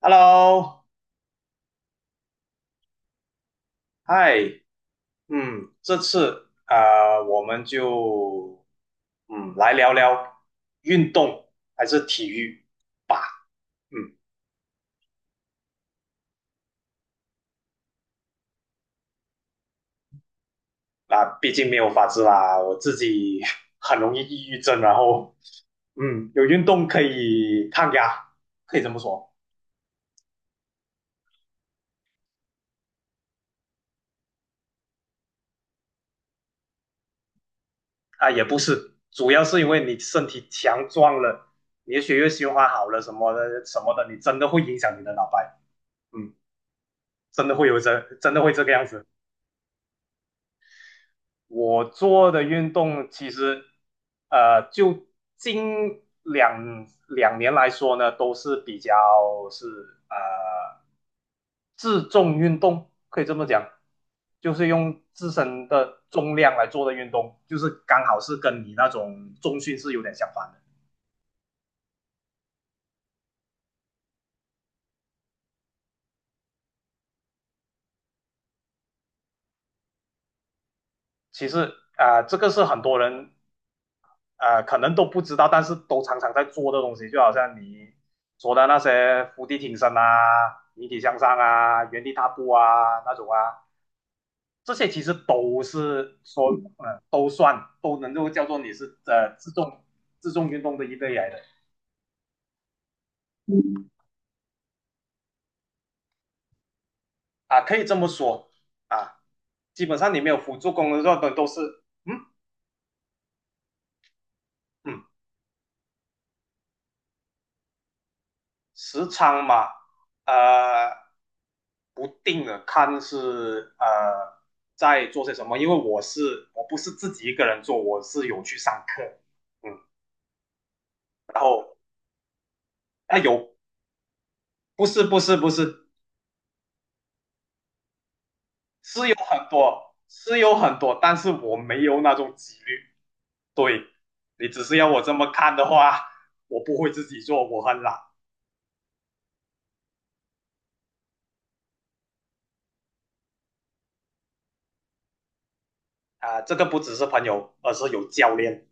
Hello，嗨，嗯，这次啊、我们就来聊聊运动还是体育吧。嗯，啊，毕竟没有法子啦，我自己 很容易抑郁症，然后嗯，有运动可以抗压，可以这么说。啊，也不是，主要是因为你身体强壮了，你的血液循环好了什么的，你真的会影响你的脑袋，嗯，真的会有这真的会这个样子。我做的运动其实，就近两年来说呢，都是比较是呃自重运动，可以这么讲，就是用自身的重量来做的运动，就是刚好是跟你那种重训是有点相反的。其实啊、这个是很多人可能都不知道，但是都常常在做的东西，就好像你说的那些伏地挺身啊、引体向上啊、原地踏步啊那种啊，这些其实都是说，都能够叫做你是自重运动的一类来的。啊，可以这么说啊。基本上你没有辅助功能的时候，都是嗯。嗯，时长嘛，呃，不定的，看是在做些什么，因为我不是自己一个人做，我是有去上课，嗯，然后啊、有不是。是有很多，是有很多但是我没有那种几率。对，你只是要我这么看的话，我不会自己做，我很懒。啊、这个不只是朋友，而是有教练，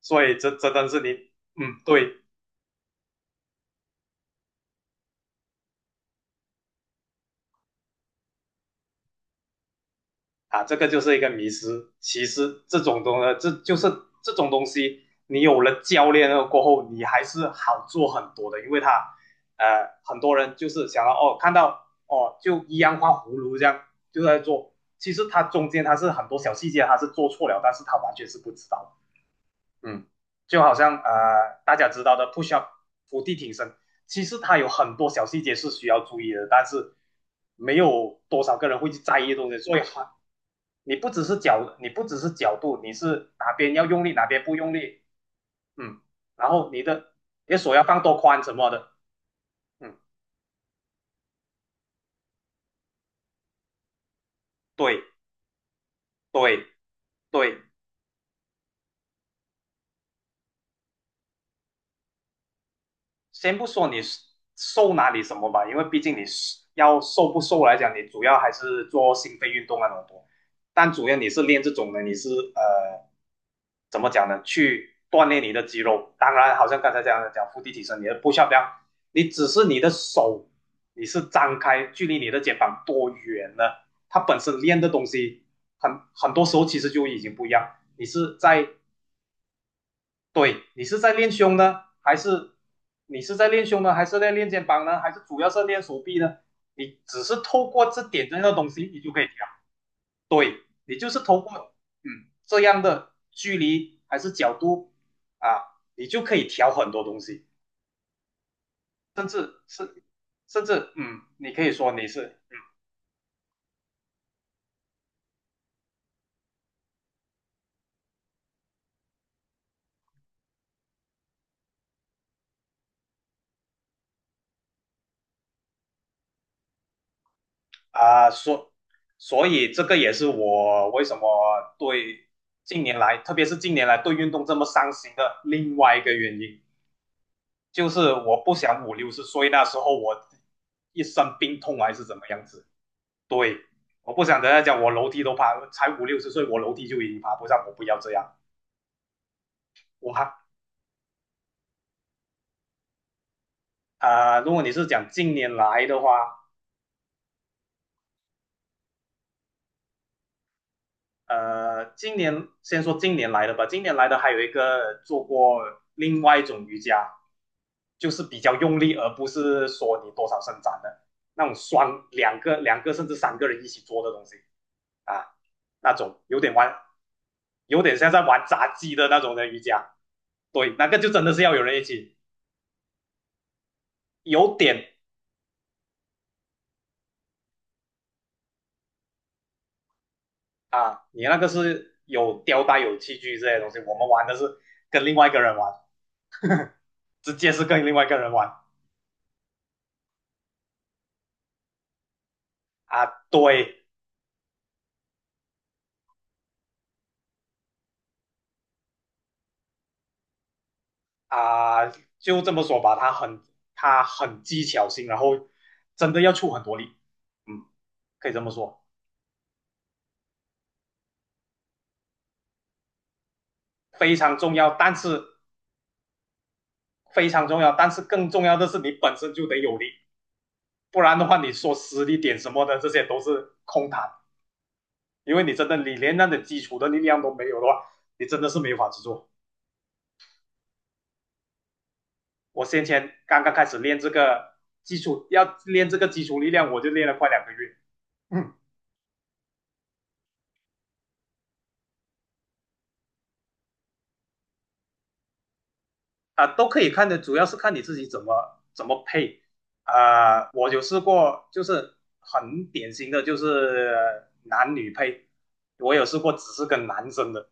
所以这真的是你，嗯，对，啊，这个就是一个迷失。其实这种东西，这就是这种东西，你有了教练了过后，你还是好做很多的，因为他很多人就是想要哦，看到哦，就一样画葫芦，这样就在做，其实他中间他是很多小细节他是做错了，但是他完全是不知道。嗯，就好像大家知道的不需要伏地挺身，其实他有很多小细节是需要注意的，但是没有多少个人会去在意的东西，所以很你不只是角度，你是哪边要用力，哪边不用力，嗯，然后你的手要放多宽什么的，嗯，对对对，先不说你瘦哪里什么吧，因为毕竟你要瘦不瘦来讲，你主要还是做心肺运动啊那种多。但主要你是练这种的，你是怎么讲呢？去锻炼你的肌肉。当然，好像刚才这样的讲腹地提升，你的不需要不样，你只是你的手你是张开，距离你的肩膀多远呢？它本身练的东西很多时候其实就已经不一样。你是在对你是在练胸呢，还是在练肩膀呢，还是主要是练手臂呢？你只是透过这点这样的东西，你就可以调。对，你就是透过嗯这样的距离还是角度啊，你就可以调很多东西，甚至是甚至嗯，你可以说你是嗯。啊，所以这个也是我为什么对近年来，特别是近年来对运动这么上心的另外一个原因。就是我不想五六十岁那时候我一身病痛还是怎么样子。对，我不想等下讲我楼梯都爬，才五六十岁我楼梯就已经爬不上，我不要这样。我还啊、如果你是讲近年来的话，今年先说今年来的吧，今年来的还有一个做过另外一种瑜伽，就是比较用力，而不是说你多少伸展的那种双两个甚至三个人一起做的东西啊，那种有点弯。有点像在玩杂技的那种的瑜伽。对，那个就真的是要有人一起，有点。啊，你那个是有吊带、有器具这些东西，我们玩的是跟另外一个人玩，直接是跟另外一个人玩啊。对啊，就这么说吧，他很技巧性，然后真的要出很多力，嗯，可以这么说，非常重要，但是非常重要，但是更重要的是你本身就得有力，不然的话，你说实力点什么的，这些都是空谈。因为你真的你连那种基础的力量都没有的话，你真的是没法子做。我先前刚刚开始练这个基础，要练这个基础力量，我就练了快两个月。嗯，啊，都可以看的，主要是看你自己怎么配。啊、我有试过，就是很典型的就是男女配，我有试过只是跟男生的，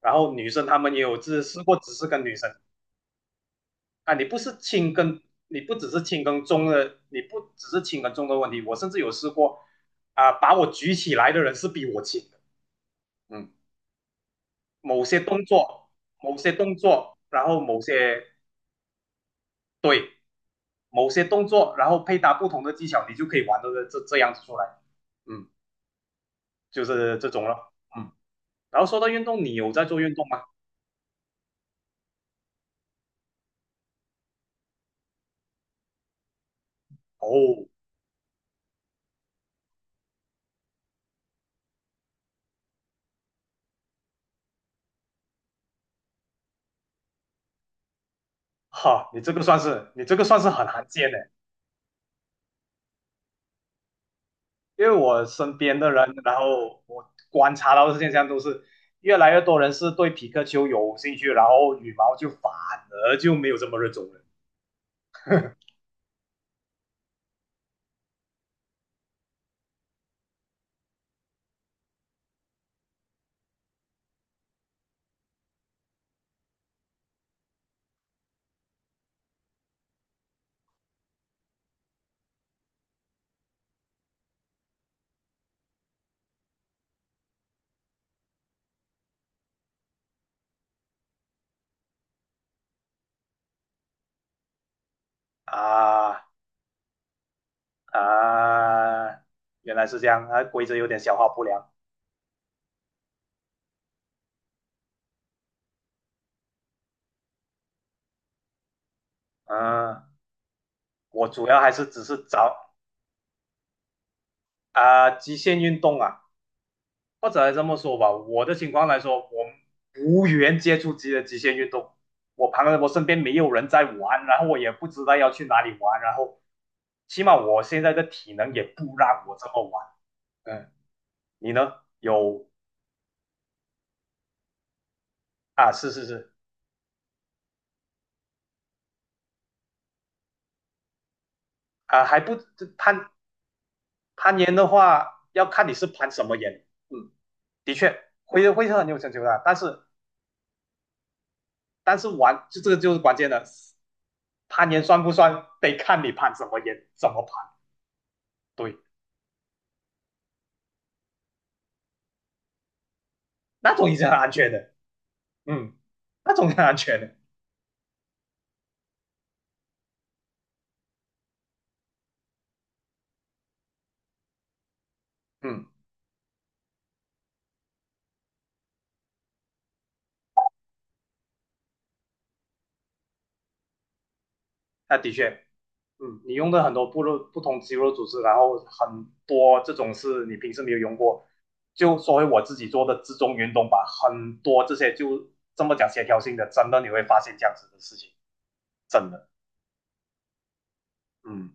然后女生他们也有试过只是跟女生，啊，你不是轻跟，你不只是轻跟重的问题。我甚至有试过，啊，把我举起来的人是比我轻的。嗯，某些动作，某些动作，然后某些对，某些动作，然后配搭不同的技巧，你就可以玩的这样子出来。嗯，就是这种了。嗯，然后说到运动，你有在做运动吗？哦，哈，你这个算是很罕见的。因为我身边的人，然后我观察到的现象都是，越来越多人是对皮克球有兴趣，然后羽毛就反而就没有这么热衷了啊。啊！原来是这样啊，规则有点消化不良。嗯、我主要还是只是找。啊极限运动啊，或者这么说吧，我的情况来说，我无缘接触极限运动，我身边没有人在玩，然后我也不知道要去哪里玩，然后起码我现在的体能也不让我这么玩。嗯，你呢？有啊，是是是。啊，还不这攀攀岩的话，要看你是攀什么岩。嗯，的确会很有成就的，但是但是玩就这个就是关键的，攀岩算不算得看你攀什么岩，怎么攀。对。那种也是很安全的，嗯，那种很安全的，嗯，那的确，嗯，你用的很多部落不同肌肉组织，然后很多这种是你平时没有用过，就说回我自己做的自重运动吧，很多这些就这么讲协调性的，真的你会发现这样子的事情，真的，嗯，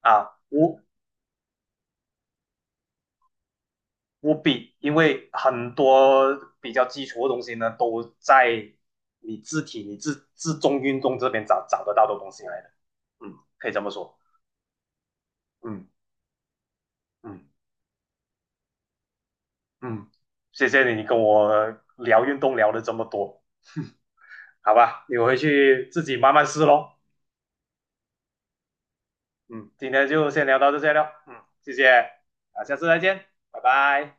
啊，无比，因为很多比较基础的东西呢，都在你自体、你自重运动这边找得到的东西来的，嗯，可以这么说。嗯。嗯嗯，谢谢你跟我聊运动聊了这么多，好吧，你回去自己慢慢试咯。嗯，今天就先聊到这些了。嗯，谢谢，啊，下次再见，拜拜。